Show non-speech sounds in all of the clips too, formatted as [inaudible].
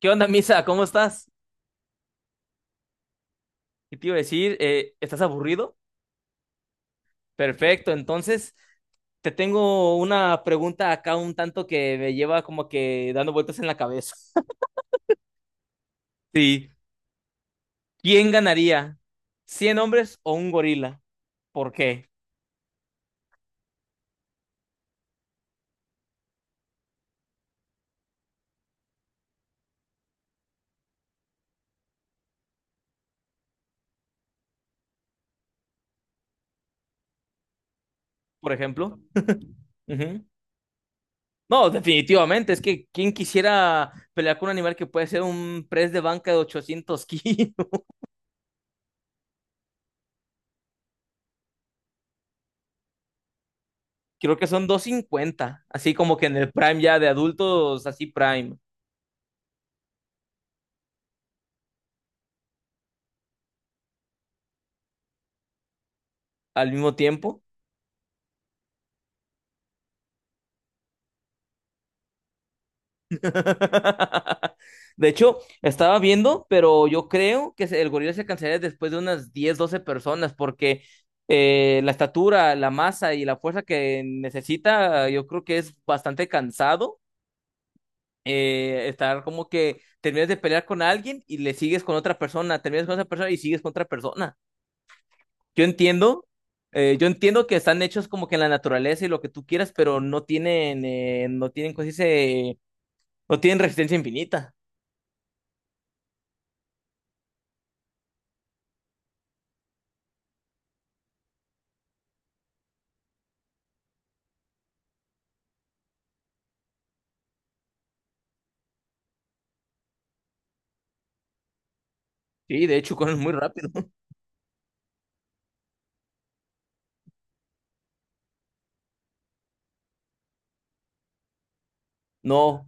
¿Qué onda, Misa? ¿Cómo estás? Y te iba a decir, ¿estás aburrido? Perfecto, entonces te tengo una pregunta acá un tanto que me lleva como que dando vueltas en la cabeza. [laughs] Sí. ¿Quién ganaría? ¿Cien hombres o un gorila? ¿Por qué? Por ejemplo. Ujú. No, definitivamente, es que ¿quién quisiera pelear con un animal que puede ser un press de banca de 800 kilos? [laughs] Creo que son doscientos cincuenta, así como que en el prime ya de adultos, así prime, al mismo tiempo. [laughs] De hecho, estaba viendo, pero yo creo que el gorila se cansaría después de unas 10 12 personas, porque la estatura, la masa y la fuerza que necesita, yo creo que es bastante cansado, estar como que terminas de pelear con alguien y le sigues con otra persona, terminas con esa persona y sigues con otra persona. Yo entiendo, que están hechos como que en la naturaleza y lo que tú quieras, pero no tienen, ¿cómo se dice? No tienen resistencia infinita. Sí, de hecho, corren muy rápido. No,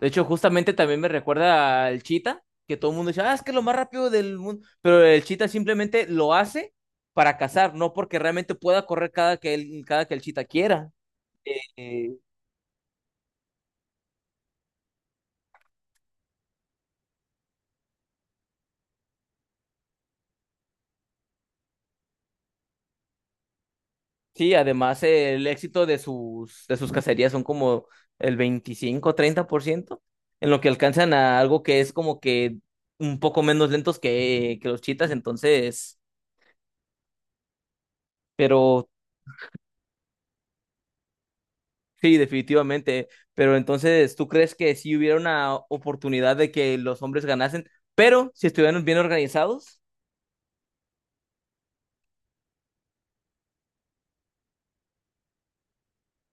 de hecho, justamente también me recuerda al Cheetah, que todo el mundo dice, ah, es que es lo más rápido del mundo, pero el Cheetah simplemente lo hace para cazar, no porque realmente pueda correr cada que el Cheetah quiera. Eh, sí, además el éxito de de sus cacerías son como el 25, 30%, en lo que alcanzan a algo que es como que un poco menos lentos que los Cheetahs, entonces, pero sí, definitivamente. Pero entonces, ¿tú crees que sí hubiera una oportunidad de que los hombres ganasen, pero si estuvieran bien organizados?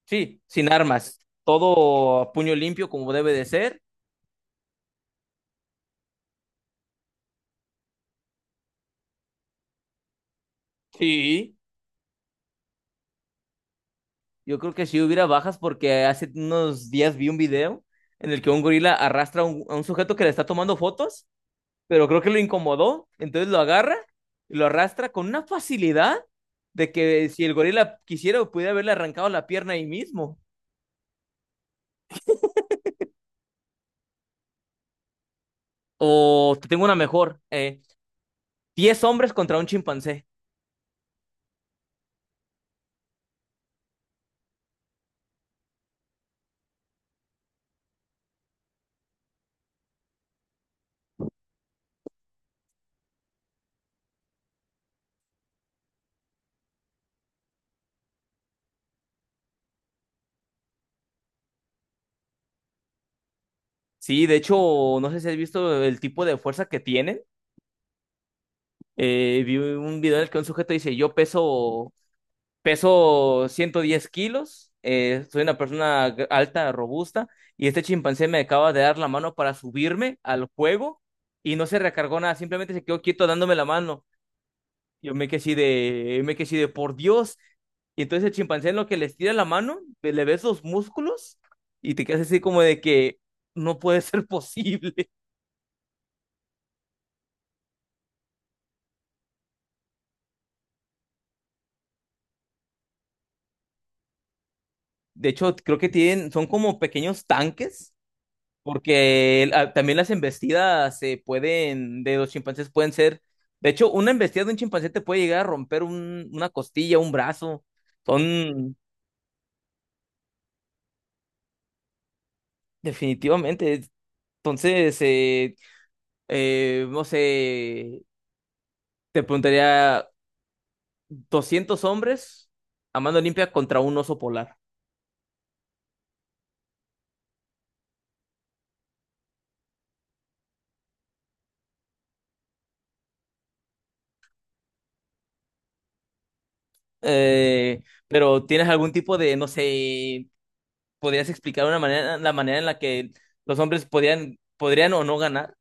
Sí, sin armas, todo a puño limpio como debe de ser. Sí, yo creo que sí hubiera bajas porque hace unos días vi un video en el que un gorila arrastra a a un sujeto que le está tomando fotos, pero creo que lo incomodó, entonces lo agarra y lo arrastra con una facilidad de que si el gorila quisiera, pudiera haberle arrancado la pierna ahí mismo. O te tengo una mejor. 10 hombres contra un chimpancé. Sí, de hecho, no sé si has visto el tipo de fuerza que tienen. Vi un video en el que un sujeto dice, peso 110 kilos, soy una persona alta, robusta, y este chimpancé me acaba de dar la mano para subirme al juego y no se recargó nada, simplemente se quedó quieto dándome la mano. Yo me quedé así de, me quedé así de, por Dios. Y entonces el chimpancé en lo que les tira la mano, le ves los músculos y te quedas así como de que no puede ser posible. [laughs] De hecho, creo que tienen, son como pequeños tanques, porque también las embestidas se pueden, de los chimpancés pueden ser, de hecho, una embestida de un chimpancé te puede llegar a romper una costilla, un brazo. Son, definitivamente. Entonces, no sé, te preguntaría... 200 hombres a mano limpia contra un oso polar. Pero ¿tienes algún tipo de, no sé, podrías explicar una manera, la manera en la que los hombres podrían o no ganar?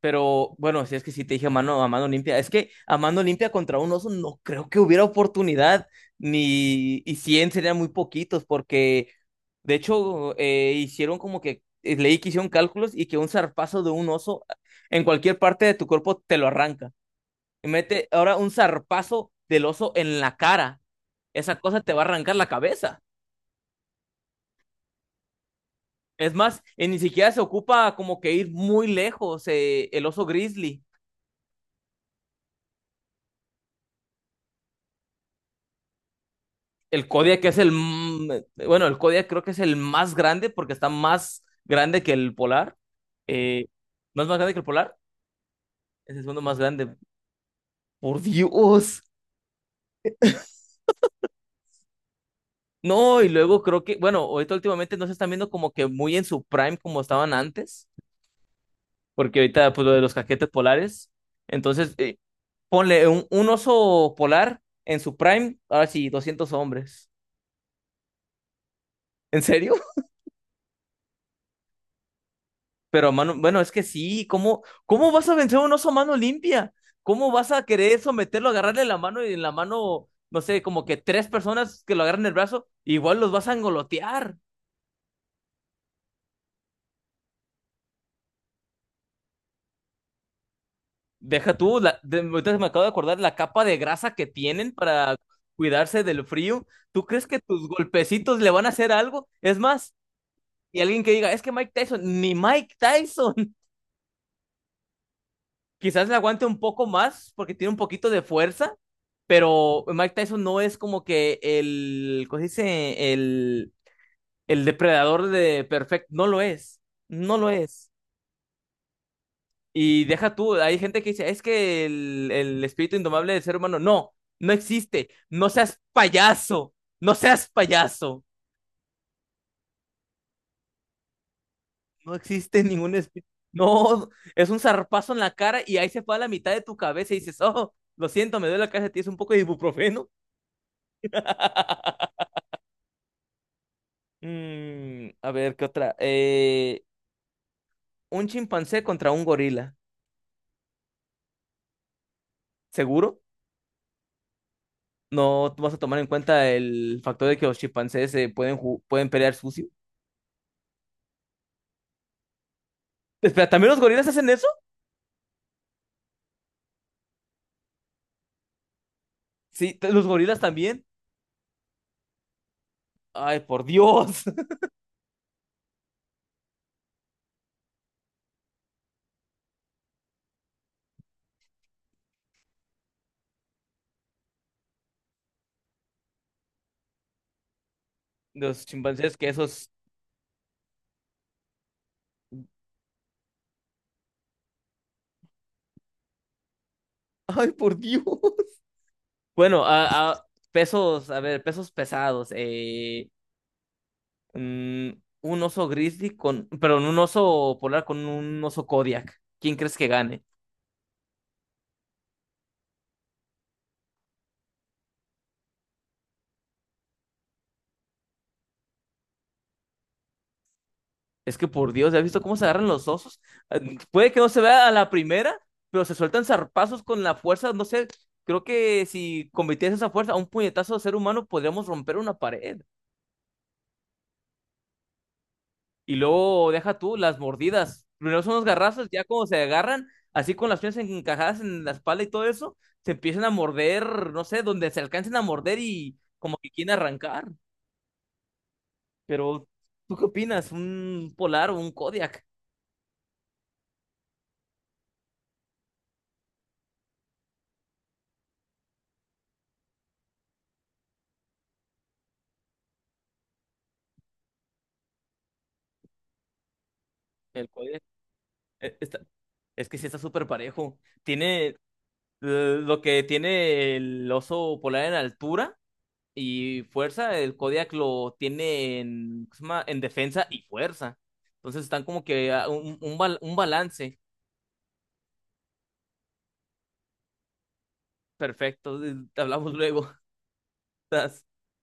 Pero bueno, si es que sí te dije a mano limpia, es que a mano limpia contra un oso no creo que hubiera oportunidad, ni y 100 serían muy poquitos, porque de hecho hicieron como que, leí que hicieron cálculos y que un zarpazo de un oso en cualquier parte de tu cuerpo te lo arranca. Y mete ahora un zarpazo del oso en la cara. Esa cosa te va a arrancar la cabeza. Es más, ni siquiera se ocupa como que ir muy lejos, el oso grizzly. El Kodiak es el, bueno, el Kodiak creo que es el más grande porque está más grande que el polar. Eh, ¿No es más grande que el polar? Es el segundo más grande. Por Dios. No, y luego creo que, bueno, ahorita últimamente no se están viendo como que muy en su prime como estaban antes, porque ahorita pues lo de los caquetes polares. Entonces, ponle un oso polar en su prime, ahora sí, 200 hombres. ¿En serio? [laughs] Pero mano, bueno, es que sí, ¿cómo vas a vencer a un oso mano limpia? ¿Cómo vas a querer someterlo, agarrarle la mano y en la mano, no sé, como que tres personas que lo agarran el brazo, igual los vas a engolotear? Deja tú, ahorita me acabo de acordar la capa de grasa que tienen para cuidarse del frío. ¿Tú crees que tus golpecitos le van a hacer algo? Es más, y alguien que diga, es que Mike Tyson, ni Mike Tyson, [laughs] quizás le aguante un poco más porque tiene un poquito de fuerza, pero Mike Tyson no es como que el, ¿cómo se dice? El depredador de Perfect, no lo es, no lo es. Y deja tú, hay gente que dice, es que el espíritu indomable del ser humano, no existe, no seas payaso, no seas payaso. No existe ningún espíritu. No, es un zarpazo en la cara y ahí se fue a la mitad de tu cabeza y dices, oh, lo siento, me duele la cabeza, tienes un poco de ibuprofeno. [laughs] Mm, a ver, ¿qué otra? Un chimpancé contra un gorila. ¿Seguro? No vas a tomar en cuenta el factor de que los chimpancés se pueden, pueden pelear sucio. Espera, ¿también los gorilas hacen eso? Sí, los gorilas también. Ay, por Dios. [laughs] Los chimpancés que esos. Ay, por Dios. Bueno, pesos, a ver, pesos pesados. Mm, un oso grizzly con, perdón, un oso polar con un oso Kodiak. ¿Quién crees que gane? Es que por Dios, ¿ya has visto cómo se agarran los osos? Puede que no se vea a la primera, pero se sueltan zarpazos con la fuerza. No sé, creo que si convirtiese esa fuerza a un puñetazo de ser humano, podríamos romper una pared. Y luego deja tú las mordidas. Primero son los garrazos, ya como se agarran, así con las piernas encajadas en la espalda y todo eso, se empiezan a morder, no sé, donde se alcancen a morder y como que quieren arrancar. Pero, ¿tú qué opinas? ¿Un polar o un Kodiak? El Kodiak. eh, está- es que sí está súper parejo. Tiene lo que tiene el oso polar en altura y fuerza, el Kodiak lo tiene en, ¿cómo se llama? En defensa y fuerza. Entonces están como que a un balance perfecto. Hablamos luego. [laughs]